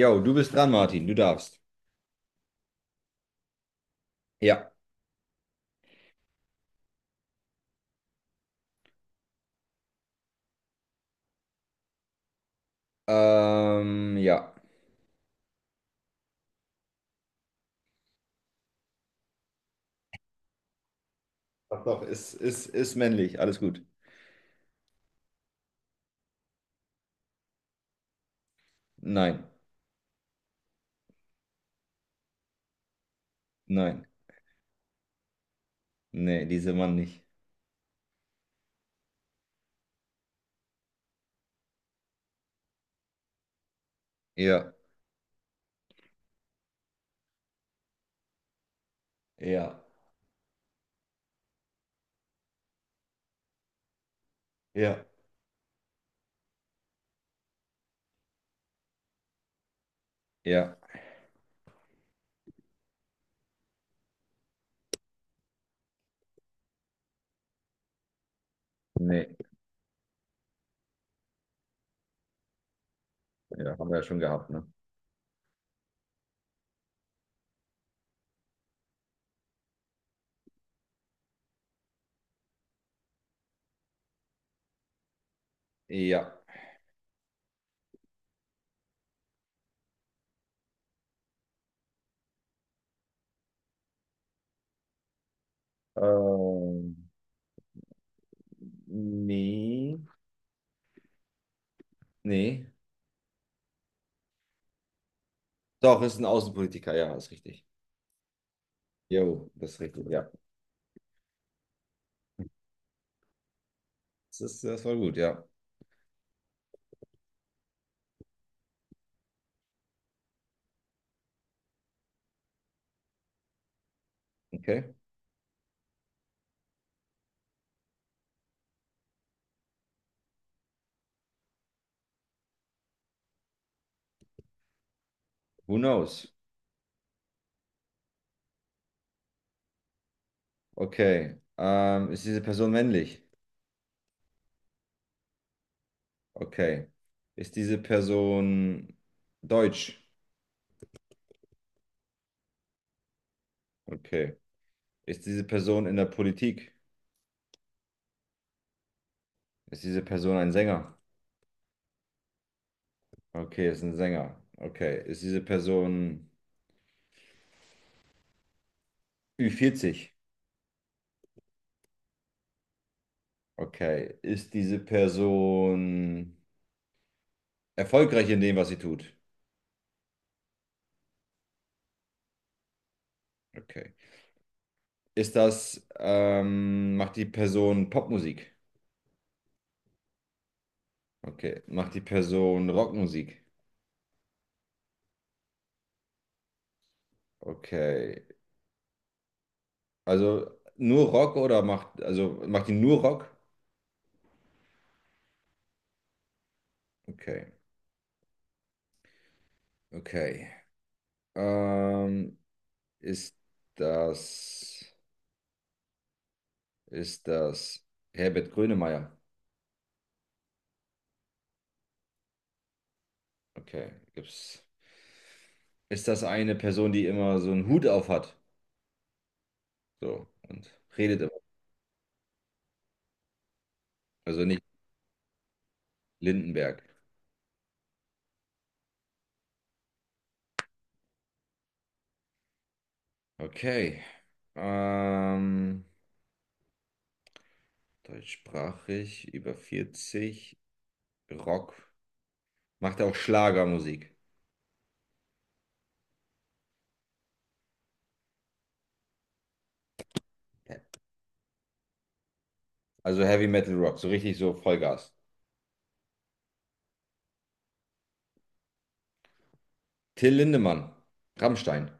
Jo, du bist dran, Martin. Du darfst. Ja. Ja. Doch, doch, ist männlich. Alles gut. Nein. Nein. Nee, diese Mann nicht. Ja. Ja. Ja. Ja. Nee. Ja, haben wir ja schon gehabt, ne? Ja. Ähm, nee. Nee. Doch, ist ein Außenpolitiker. Ja, ist richtig. Jo, das ist richtig. Ja. Das war gut, ja. Okay. Who knows? Okay. Ist diese Person männlich? Okay. Ist diese Person deutsch? Okay. Ist diese Person in der Politik? Ist diese Person ein Sänger? Okay, ist ein Sänger. Okay. Ist diese Person ü vierzig? Okay. Ist diese Person erfolgreich in dem, was sie tut? Okay. Macht die Person Popmusik? Okay. Macht die Person Rockmusik? Okay. Also nur Rock also macht die nur Rock? Okay. Okay. Ähm, ist das, ist das Herbert Grönemeyer? Okay, gibt's. Ist das eine Person, die immer so einen Hut auf hat? So, und redet immer. Also nicht Lindenberg. Okay. Ähm, deutschsprachig, über vierzig, Rock. Macht er auch Schlagermusik? Ja. Also Heavy Metal Rock, so richtig so Vollgas. Till Lindemann, Rammstein.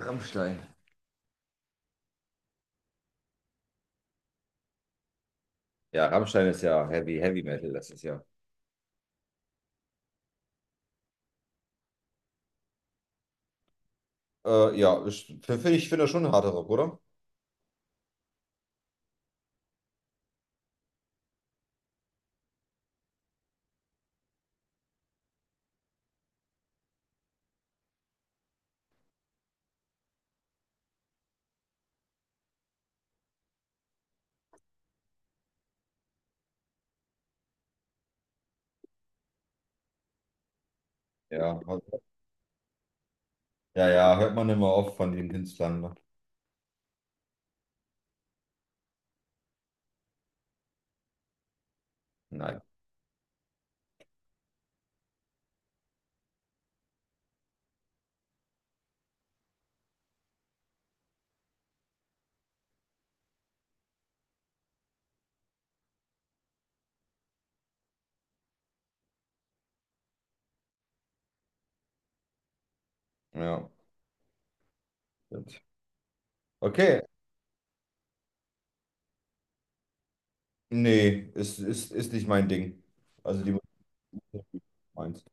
Rammstein. Ja, Rammstein ist ja Heavy, Heavy Metal, das ist ja. Ja, ich find das schon harter Rock, oder? Ja, ja, ja, hört man immer oft von den Künstlern, ne? Nein. Ja, stimmt. Okay, nee, ist nicht mein Ding. Also die Musik ist nicht meins.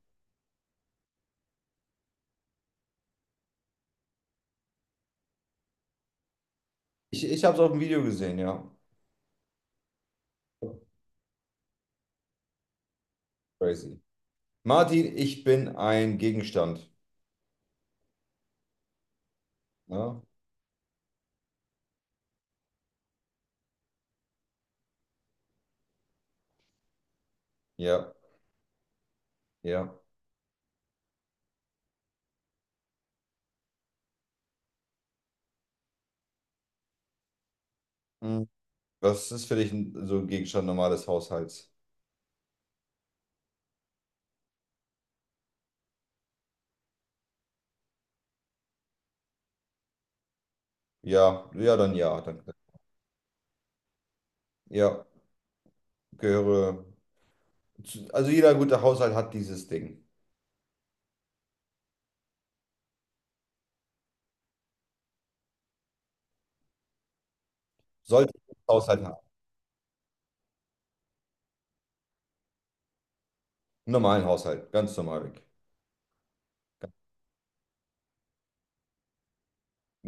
Ich habe es auf dem Video gesehen, ja. Crazy. Martin, ich bin ein Gegenstand. Ja, ja, ja. Hm. Was ist für dich so ein Gegenstand normales Haushalts? Ja, ja, dann ja. Dann, ja, gehöre. Zu, also jeder gute Haushalt hat dieses Ding. Sollte ich einen Haushalt haben. Einen normalen Haushalt, ganz normal weg.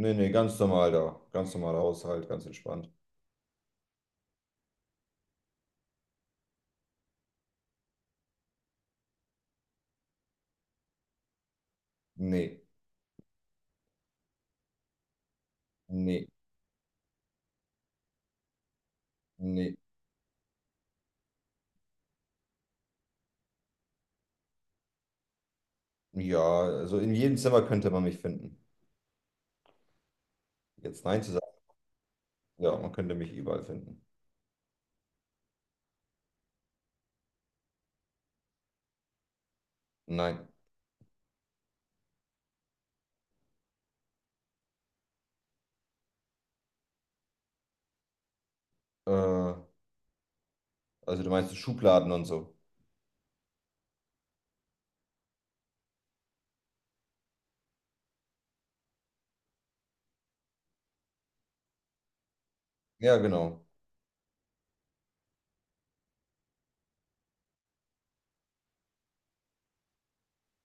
Nee, nee, ganz normal da. Ganz normaler Haushalt, ganz entspannt. Nee, nee, nee. Ja, also in jedem Zimmer könnte man mich finden. Jetzt nein zu sagen, ja, man könnte mich überall finden. Nein. Also du meinst Schubladen und so. Ja, genau.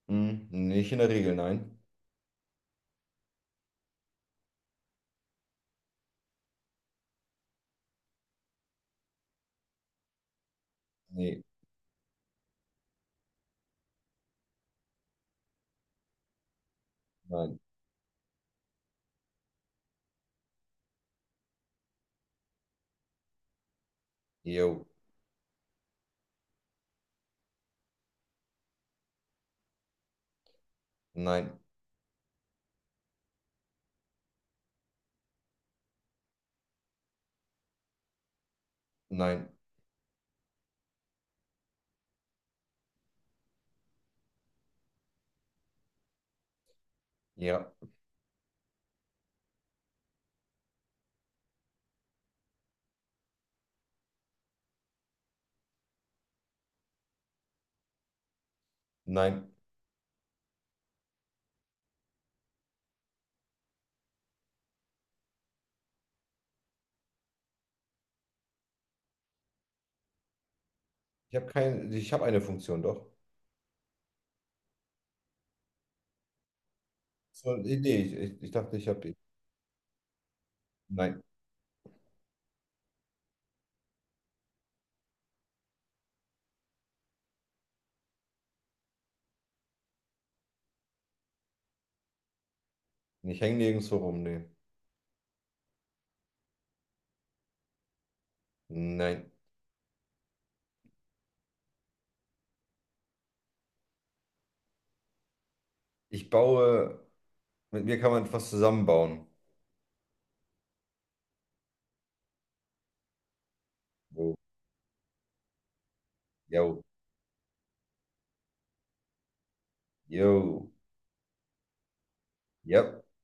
Hm, nicht in der Regel, nein. Nee, nein. Jo, nein, nein, ja, nein. Ich habe keine, ich habe eine Funktion, doch. So, nee, ich dachte, ich habe die. Nein. Ich hänge nirgendwo rum, nee. Nein. Ich baue, mit mir kann man etwas zusammenbauen. Jo, jo, jo, ja.